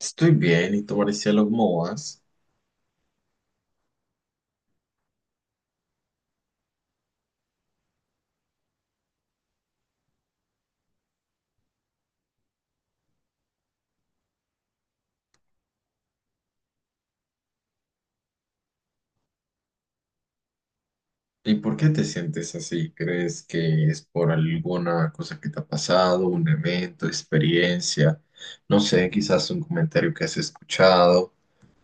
Estoy bien, y tú, Maricielo, ¿cómo vas? ¿Y por qué te sientes así? ¿Crees que es por alguna cosa que te ha pasado, un evento, experiencia? No sé, quizás un comentario que has escuchado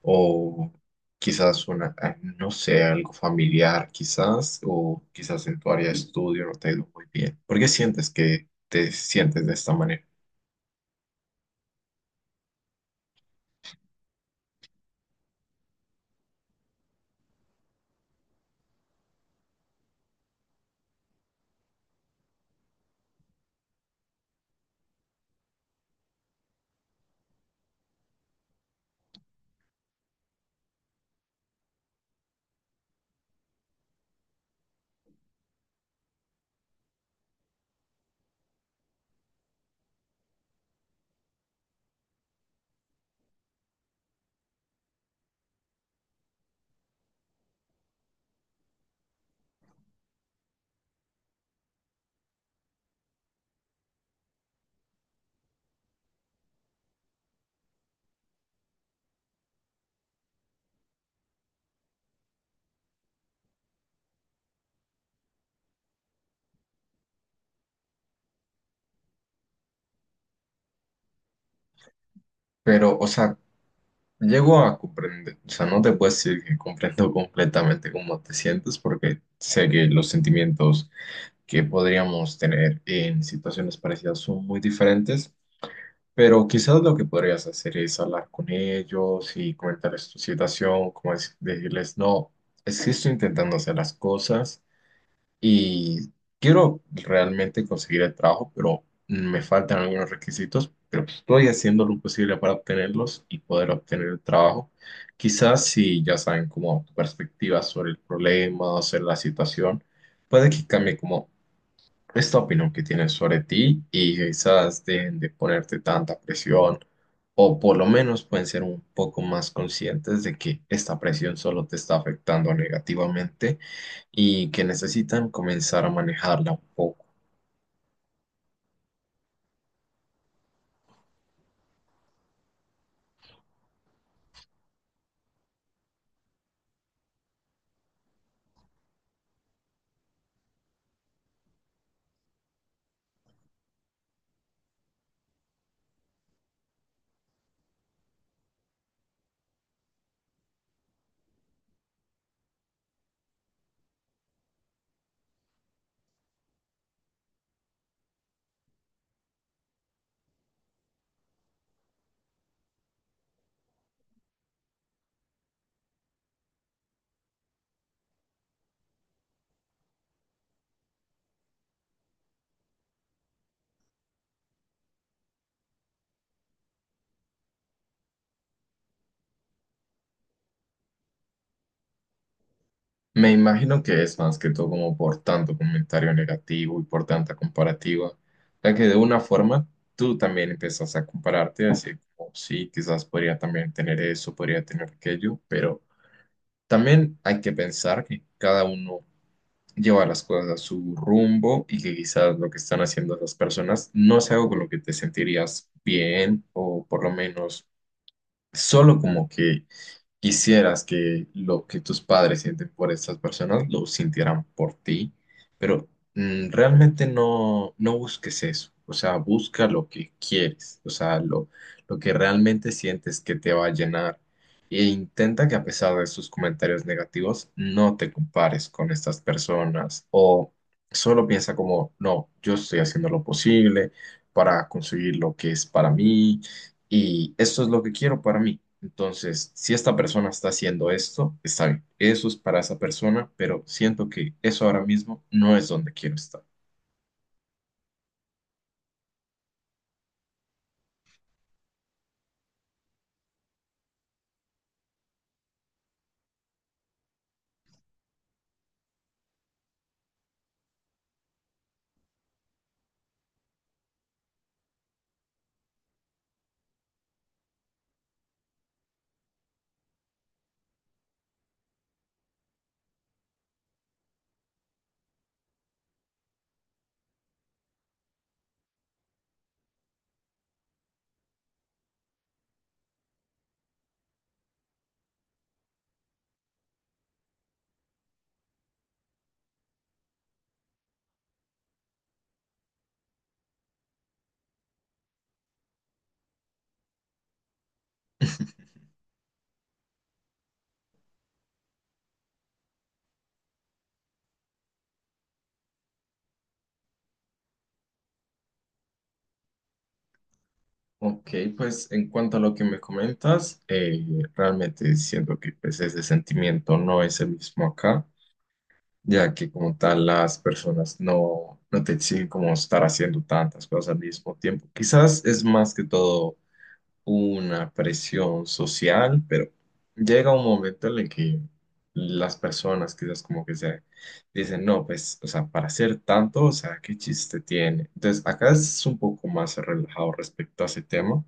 o quizás una, no sé, algo familiar, quizás, o quizás en tu área de estudio no te ha ido muy bien. ¿Por qué sientes que te sientes de esta manera? Pero, o sea, llego a comprender, o sea, no te puedo decir que comprendo completamente cómo te sientes, porque sé que los sentimientos que podríamos tener en situaciones parecidas son muy diferentes, pero quizás lo que podrías hacer es hablar con ellos y comentarles tu situación, como decirles, no, es que estoy intentando hacer las cosas y quiero realmente conseguir el trabajo, pero me faltan algunos requisitos, pero estoy haciendo lo posible para obtenerlos y poder obtener el trabajo. Quizás si ya saben como tu perspectiva sobre el problema o sobre la situación, puede que cambie como esta opinión que tienes sobre ti y quizás dejen de ponerte tanta presión o por lo menos pueden ser un poco más conscientes de que esta presión solo te está afectando negativamente y que necesitan comenzar a manejarla un poco. Me imagino que es más que todo como por tanto comentario negativo y por tanta comparativa, ya que de una forma tú también empiezas a compararte, así como sí, quizás podría también tener eso, podría tener aquello, pero también hay que pensar que cada uno lleva las cosas a su rumbo y que quizás lo que están haciendo las personas no es algo con lo que te sentirías bien o por lo menos solo como que quisieras que lo que tus padres sienten por estas personas lo sintieran por ti, pero realmente no, no busques eso. O sea, busca lo que quieres, o sea, lo que realmente sientes que te va a llenar. E intenta que a pesar de sus comentarios negativos, no te compares con estas personas o solo piensa como, no, yo estoy haciendo lo posible para conseguir lo que es para mí y esto es lo que quiero para mí. Entonces, si esta persona está haciendo esto, está bien. Eso es para esa persona, pero siento que eso ahora mismo no es donde quiero estar. Ok, pues en cuanto a lo que me comentas, realmente siento que pues, ese sentimiento no es el mismo acá, ya que como tal las personas no, no te exigen como estar haciendo tantas cosas al mismo tiempo. Quizás es más que todo una presión social, pero llega un momento en el que las personas quizás como que se dicen, no, pues, o sea, para hacer tanto, o sea, ¿qué chiste tiene? Entonces, acá es un poco más relajado respecto a ese tema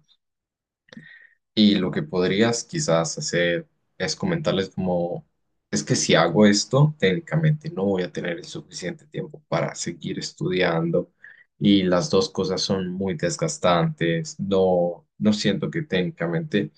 y lo que podrías quizás hacer es comentarles como, es que si hago esto, técnicamente no voy a tener el suficiente tiempo para seguir estudiando. Y las dos cosas son muy desgastantes. No, no siento que técnicamente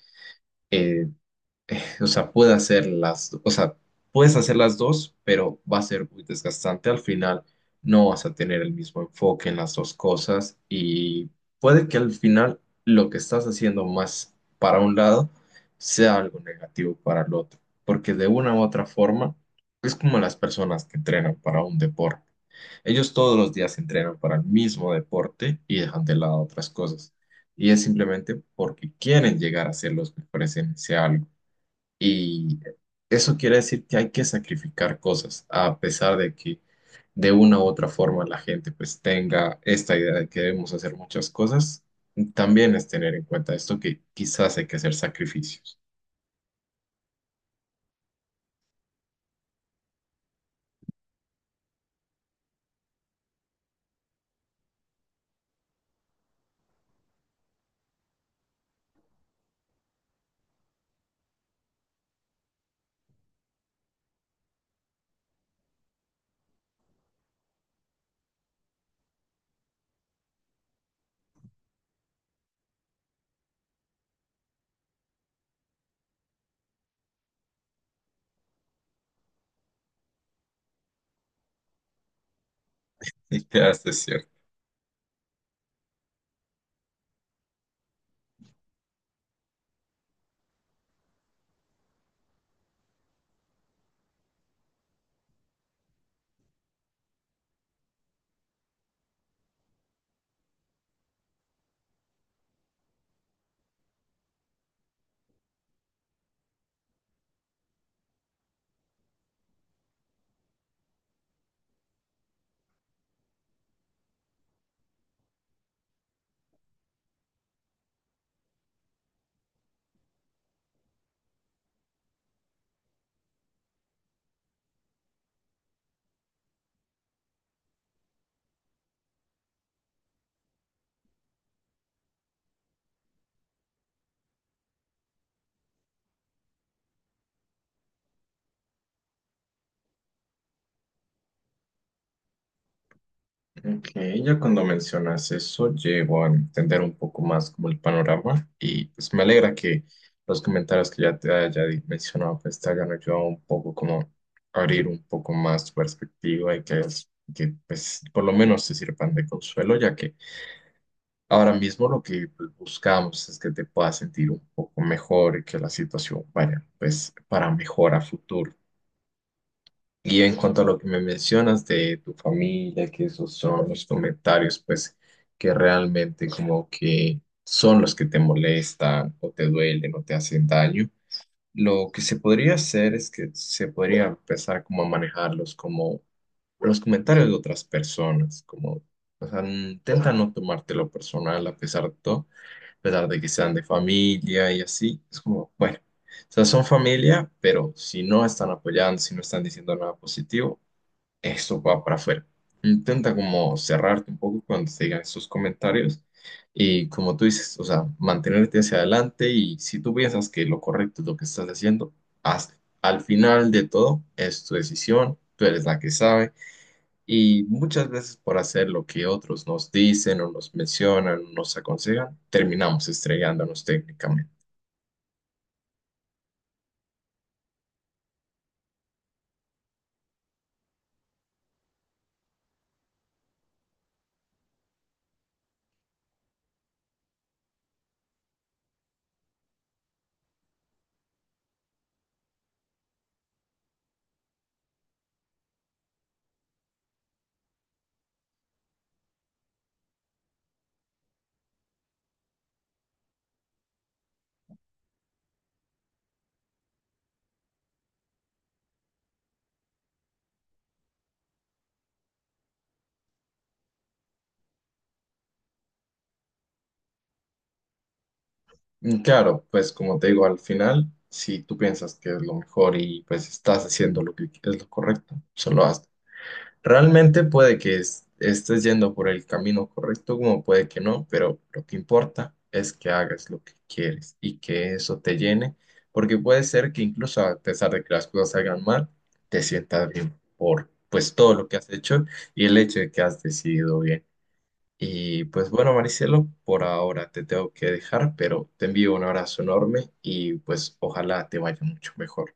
eh, o sea, o sea, puedes hacer las dos, pero va a ser muy desgastante al final. No vas a tener el mismo enfoque en las dos cosas y puede que al final lo que estás haciendo más para un lado sea algo negativo para el otro, porque de una u otra forma es como las personas que entrenan para un deporte. Ellos todos los días entrenan para el mismo deporte y dejan de lado otras cosas. Y es simplemente porque quieren llegar a ser los mejores en ese algo. Y eso quiere decir que hay que sacrificar cosas, a pesar de que de una u otra forma la gente pues tenga esta idea de que debemos hacer muchas cosas. También es tener en cuenta esto que quizás hay que hacer sacrificios. Y que hasta cierto. Ok, ya cuando mencionas eso, llego a entender un poco más como el panorama y pues me alegra que los comentarios que ya te haya mencionado pues te hayan ayudado un poco como a abrir un poco más tu perspectiva y que pues por lo menos te sirvan de consuelo, ya que ahora mismo lo que pues, buscamos es que te puedas sentir un poco mejor y que la situación vaya pues para mejor a futuro. Y en cuanto a lo que me mencionas de tu familia, que esos son los comentarios, pues, que realmente como que son los que te molestan o te duelen o te hacen daño, lo que se podría hacer es que se podría empezar como a manejarlos como los comentarios de otras personas, como, o sea, intenta no tomártelo personal a pesar de todo a pesar de que sean de familia y así, es como, bueno, o sea, son familia, pero si no están apoyando, si no están diciendo nada positivo, esto va para afuera. Intenta como cerrarte un poco cuando te digan esos comentarios y como tú dices, o sea, mantenerte hacia adelante y si tú piensas que lo correcto es lo que estás haciendo, hazlo. Al final de todo, es tu decisión, tú eres la que sabe y muchas veces por hacer lo que otros nos dicen o nos mencionan o nos aconsejan, terminamos estrellándonos técnicamente. Y claro, pues como te digo, al final, si tú piensas que es lo mejor y pues estás haciendo lo que es lo correcto, solo hazlo. Realmente puede que estés yendo por el camino correcto, como puede que no, pero lo que importa es que hagas lo que quieres y que eso te llene, porque puede ser que incluso a pesar de que las cosas salgan mal, te sientas bien por pues todo lo que has hecho y el hecho de que has decidido bien. Y pues bueno, Maricelo, por ahora te tengo que dejar, pero te envío un abrazo enorme y pues ojalá te vaya mucho mejor.